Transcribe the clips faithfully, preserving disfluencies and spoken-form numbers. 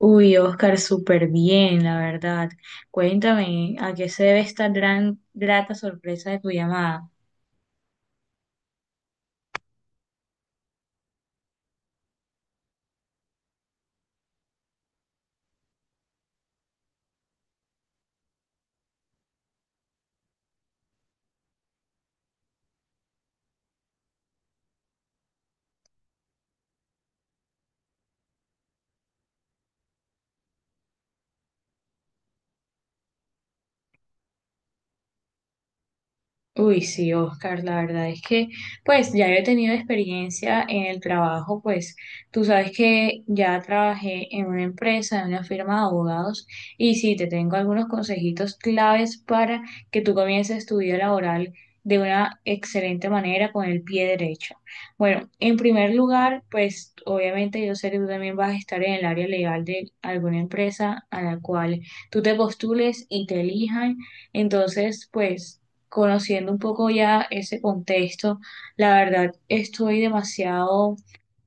Uy, Oscar, súper bien, la verdad. Cuéntame, ¿a qué se debe esta gran, grata sorpresa de tu llamada? Uy, sí, Oscar, la verdad es que, pues ya yo he tenido experiencia en el trabajo, pues tú sabes que ya trabajé en una empresa, en una firma de abogados, y sí, te tengo algunos consejitos claves para que tú comiences tu vida laboral de una excelente manera con el pie derecho. Bueno, en primer lugar, pues obviamente yo sé que tú también vas a estar en el área legal de alguna empresa a la cual tú te postules y te elijan. Entonces, pues conociendo un poco ya ese contexto, la verdad estoy demasiado,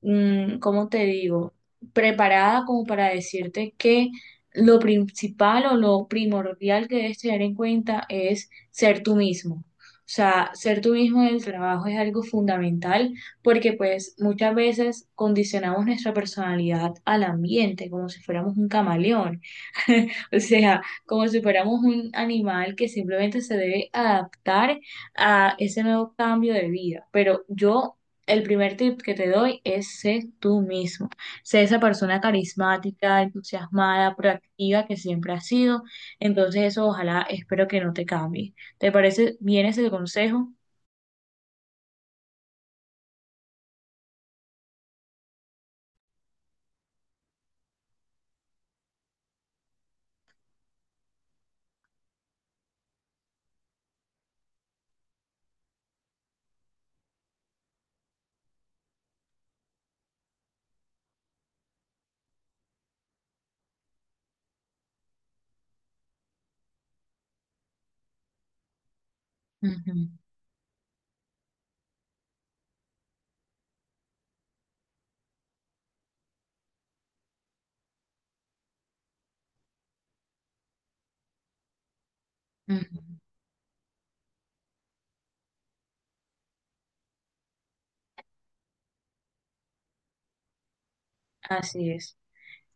mm, ¿cómo te digo? Preparada como para decirte que lo principal o lo primordial que debes tener en cuenta es ser tú mismo. O sea, ser tú mismo en el trabajo es algo fundamental porque pues muchas veces condicionamos nuestra personalidad al ambiente como si fuéramos un camaleón. O sea, como si fuéramos un animal que simplemente se debe adaptar a ese nuevo cambio de vida. Pero yo, el primer tip que te doy es sé tú mismo, sé esa persona carismática, entusiasmada, proactiva que siempre has sido. Entonces eso ojalá espero que no te cambie. ¿Te parece bien ese consejo? Ujú, ujú. Así es.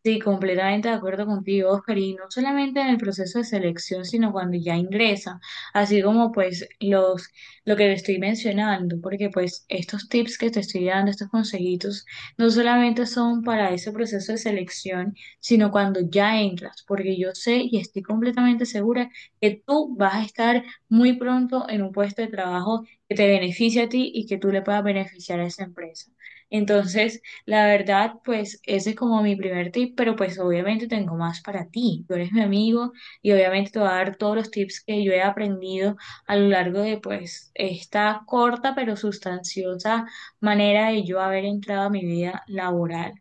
Sí, completamente de acuerdo contigo, Oscar, y no solamente en el proceso de selección, sino cuando ya ingresa, así como pues los, lo que te estoy mencionando, porque pues estos tips que te estoy dando, estos consejitos, no solamente son para ese proceso de selección, sino cuando ya entras, porque yo sé y estoy completamente segura que tú vas a estar muy pronto en un puesto de trabajo que te beneficie a ti y que tú le puedas beneficiar a esa empresa. Entonces, la verdad, pues ese es como mi primer tip, pero pues obviamente tengo más para ti. Tú eres mi amigo y obviamente te voy a dar todos los tips que yo he aprendido a lo largo de pues esta corta pero sustanciosa manera de yo haber entrado a mi vida laboral.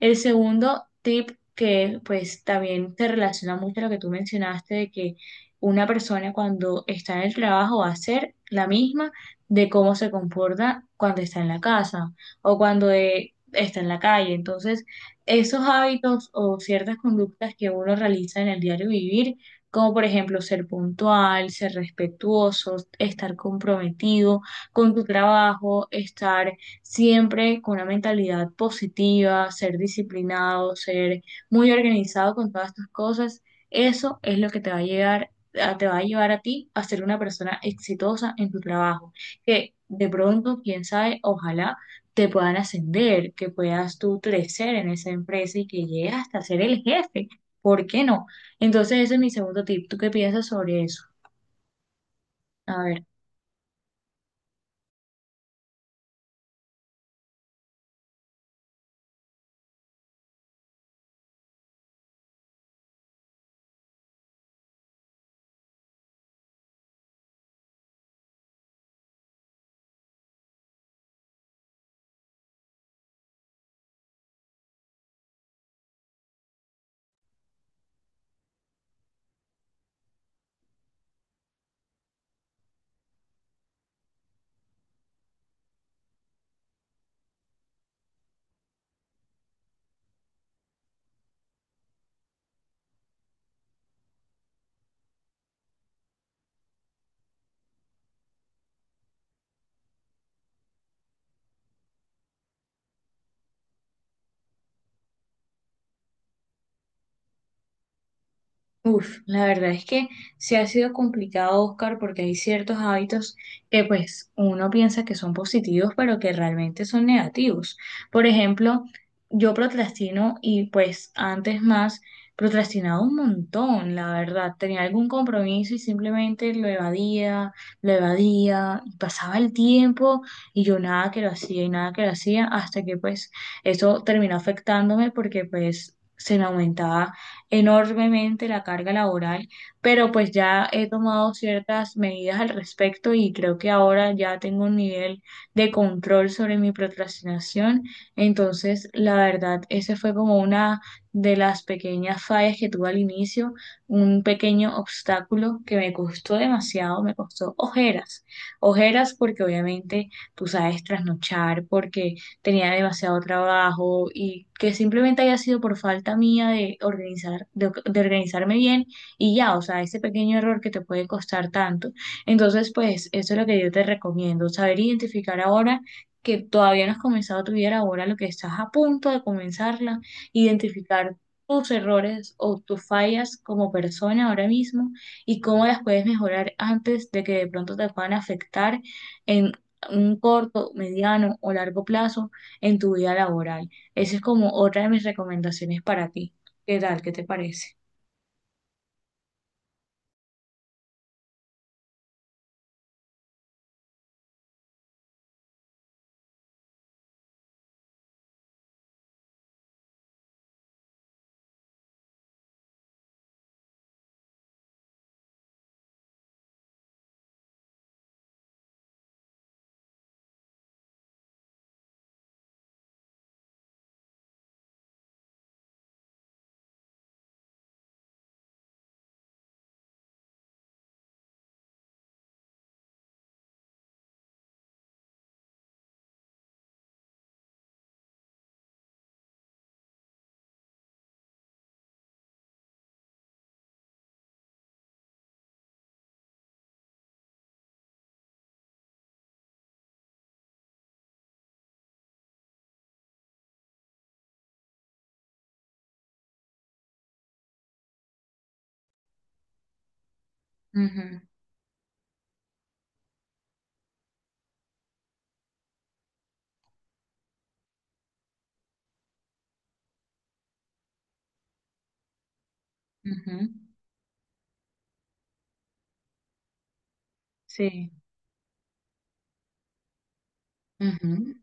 El segundo tip que pues también se relaciona mucho a lo que tú mencionaste de que una persona cuando está en el trabajo va a ser la misma de cómo se comporta cuando está en la casa o cuando de está en la calle. Entonces, esos hábitos o ciertas conductas que uno realiza en el diario vivir, como por ejemplo ser puntual, ser respetuoso, estar comprometido con tu trabajo, estar siempre con una mentalidad positiva, ser disciplinado, ser muy organizado con todas tus cosas, eso es lo que te va a llegar a- te va a llevar a ti a ser una persona exitosa en tu trabajo, que de pronto, quién sabe, ojalá te puedan ascender, que puedas tú crecer en esa empresa y que llegues hasta ser el jefe. ¿Por qué no? Entonces, ese es mi segundo tip. ¿Tú qué piensas sobre eso? A ver. Uf, la verdad es que sí ha sido complicado, Oscar, porque hay ciertos hábitos que pues uno piensa que son positivos, pero que realmente son negativos. Por ejemplo, yo procrastino y pues antes más procrastinaba un montón, la verdad. Tenía algún compromiso y simplemente lo evadía, lo evadía, y pasaba el tiempo y yo nada que lo hacía y nada que lo hacía, hasta que pues eso terminó afectándome porque pues se me aumentaba enormemente la carga laboral, pero pues ya he tomado ciertas medidas al respecto y creo que ahora ya tengo un nivel de control sobre mi procrastinación. Entonces, la verdad, ese fue como una de las pequeñas fallas que tuve al inicio, un pequeño obstáculo que me costó demasiado, me costó ojeras, ojeras porque obviamente tú sabes trasnochar, porque tenía demasiado trabajo y que simplemente haya sido por falta mía de organizar, de, de organizarme bien y ya, o sea, ese pequeño error que te puede costar tanto. Entonces, pues eso es lo que yo te recomiendo, saber identificar ahora que todavía no has comenzado tu vida laboral lo que estás a punto de comenzarla, identificar tus errores o tus fallas como persona ahora mismo y cómo las puedes mejorar antes de que de pronto te puedan afectar en un corto, mediano o largo plazo en tu vida laboral. Esa es como otra de mis recomendaciones para ti. ¿Qué tal? ¿Qué te parece? Ujú, ujú, sí. Ujú.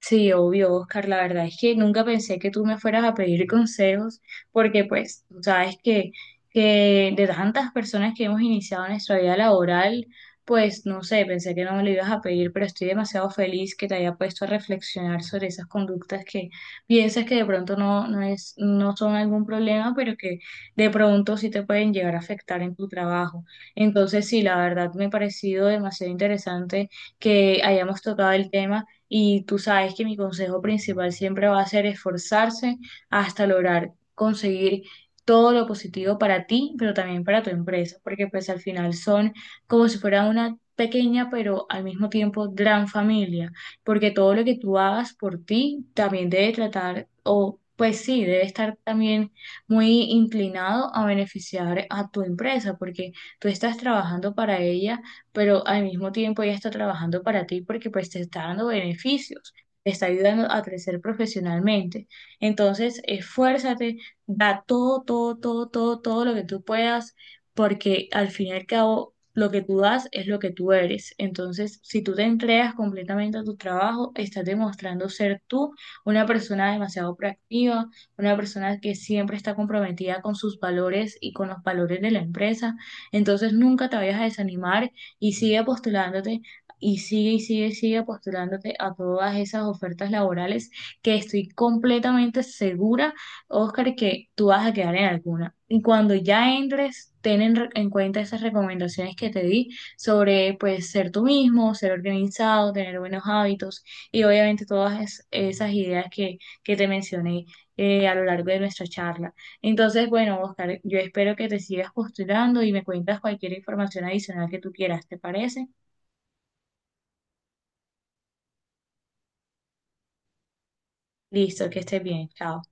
Sí, obvio, Oscar, la verdad es que nunca pensé que tú me fueras a pedir consejos, porque pues tú sabes que, que de tantas personas que hemos iniciado nuestra vida laboral, pues no sé, pensé que no me lo ibas a pedir, pero estoy demasiado feliz que te haya puesto a reflexionar sobre esas conductas que piensas que de pronto no, no es, no son algún problema, pero que de pronto sí te pueden llegar a afectar en tu trabajo. Entonces, sí, la verdad me ha parecido demasiado interesante que hayamos tocado el tema y tú sabes que mi consejo principal siempre va a ser esforzarse hasta lograr conseguir todo lo positivo para ti, pero también para tu empresa, porque pues al final son como si fuera una pequeña, pero al mismo tiempo gran familia, porque todo lo que tú hagas por ti también debe tratar, o pues sí, debe estar también muy inclinado a beneficiar a tu empresa, porque tú estás trabajando para ella pero al mismo tiempo ella está trabajando para ti porque pues te está dando beneficios, te está ayudando a crecer profesionalmente. Entonces, esfuérzate, da todo, todo, todo, todo, todo lo que tú puedas, porque al fin y al cabo lo que tú das es lo que tú eres. Entonces, si tú te entregas completamente a tu trabajo, estás demostrando ser tú una persona demasiado proactiva, una persona que siempre está comprometida con sus valores y con los valores de la empresa. Entonces, nunca te vayas a desanimar y sigue postulándote y sigue y sigue y sigue postulándote a todas esas ofertas laborales que estoy completamente segura, Oscar, que tú vas a quedar en alguna. Y cuando ya entres, ten en, re- en cuenta esas recomendaciones que te di sobre pues ser tú mismo, ser organizado, tener buenos hábitos y obviamente todas es- esas ideas que, que te mencioné eh, a lo largo de nuestra charla. Entonces, bueno, Oscar, yo espero que te sigas postulando y me cuentas cualquier información adicional que tú quieras, ¿te parece? Listo, que estés bien, chao.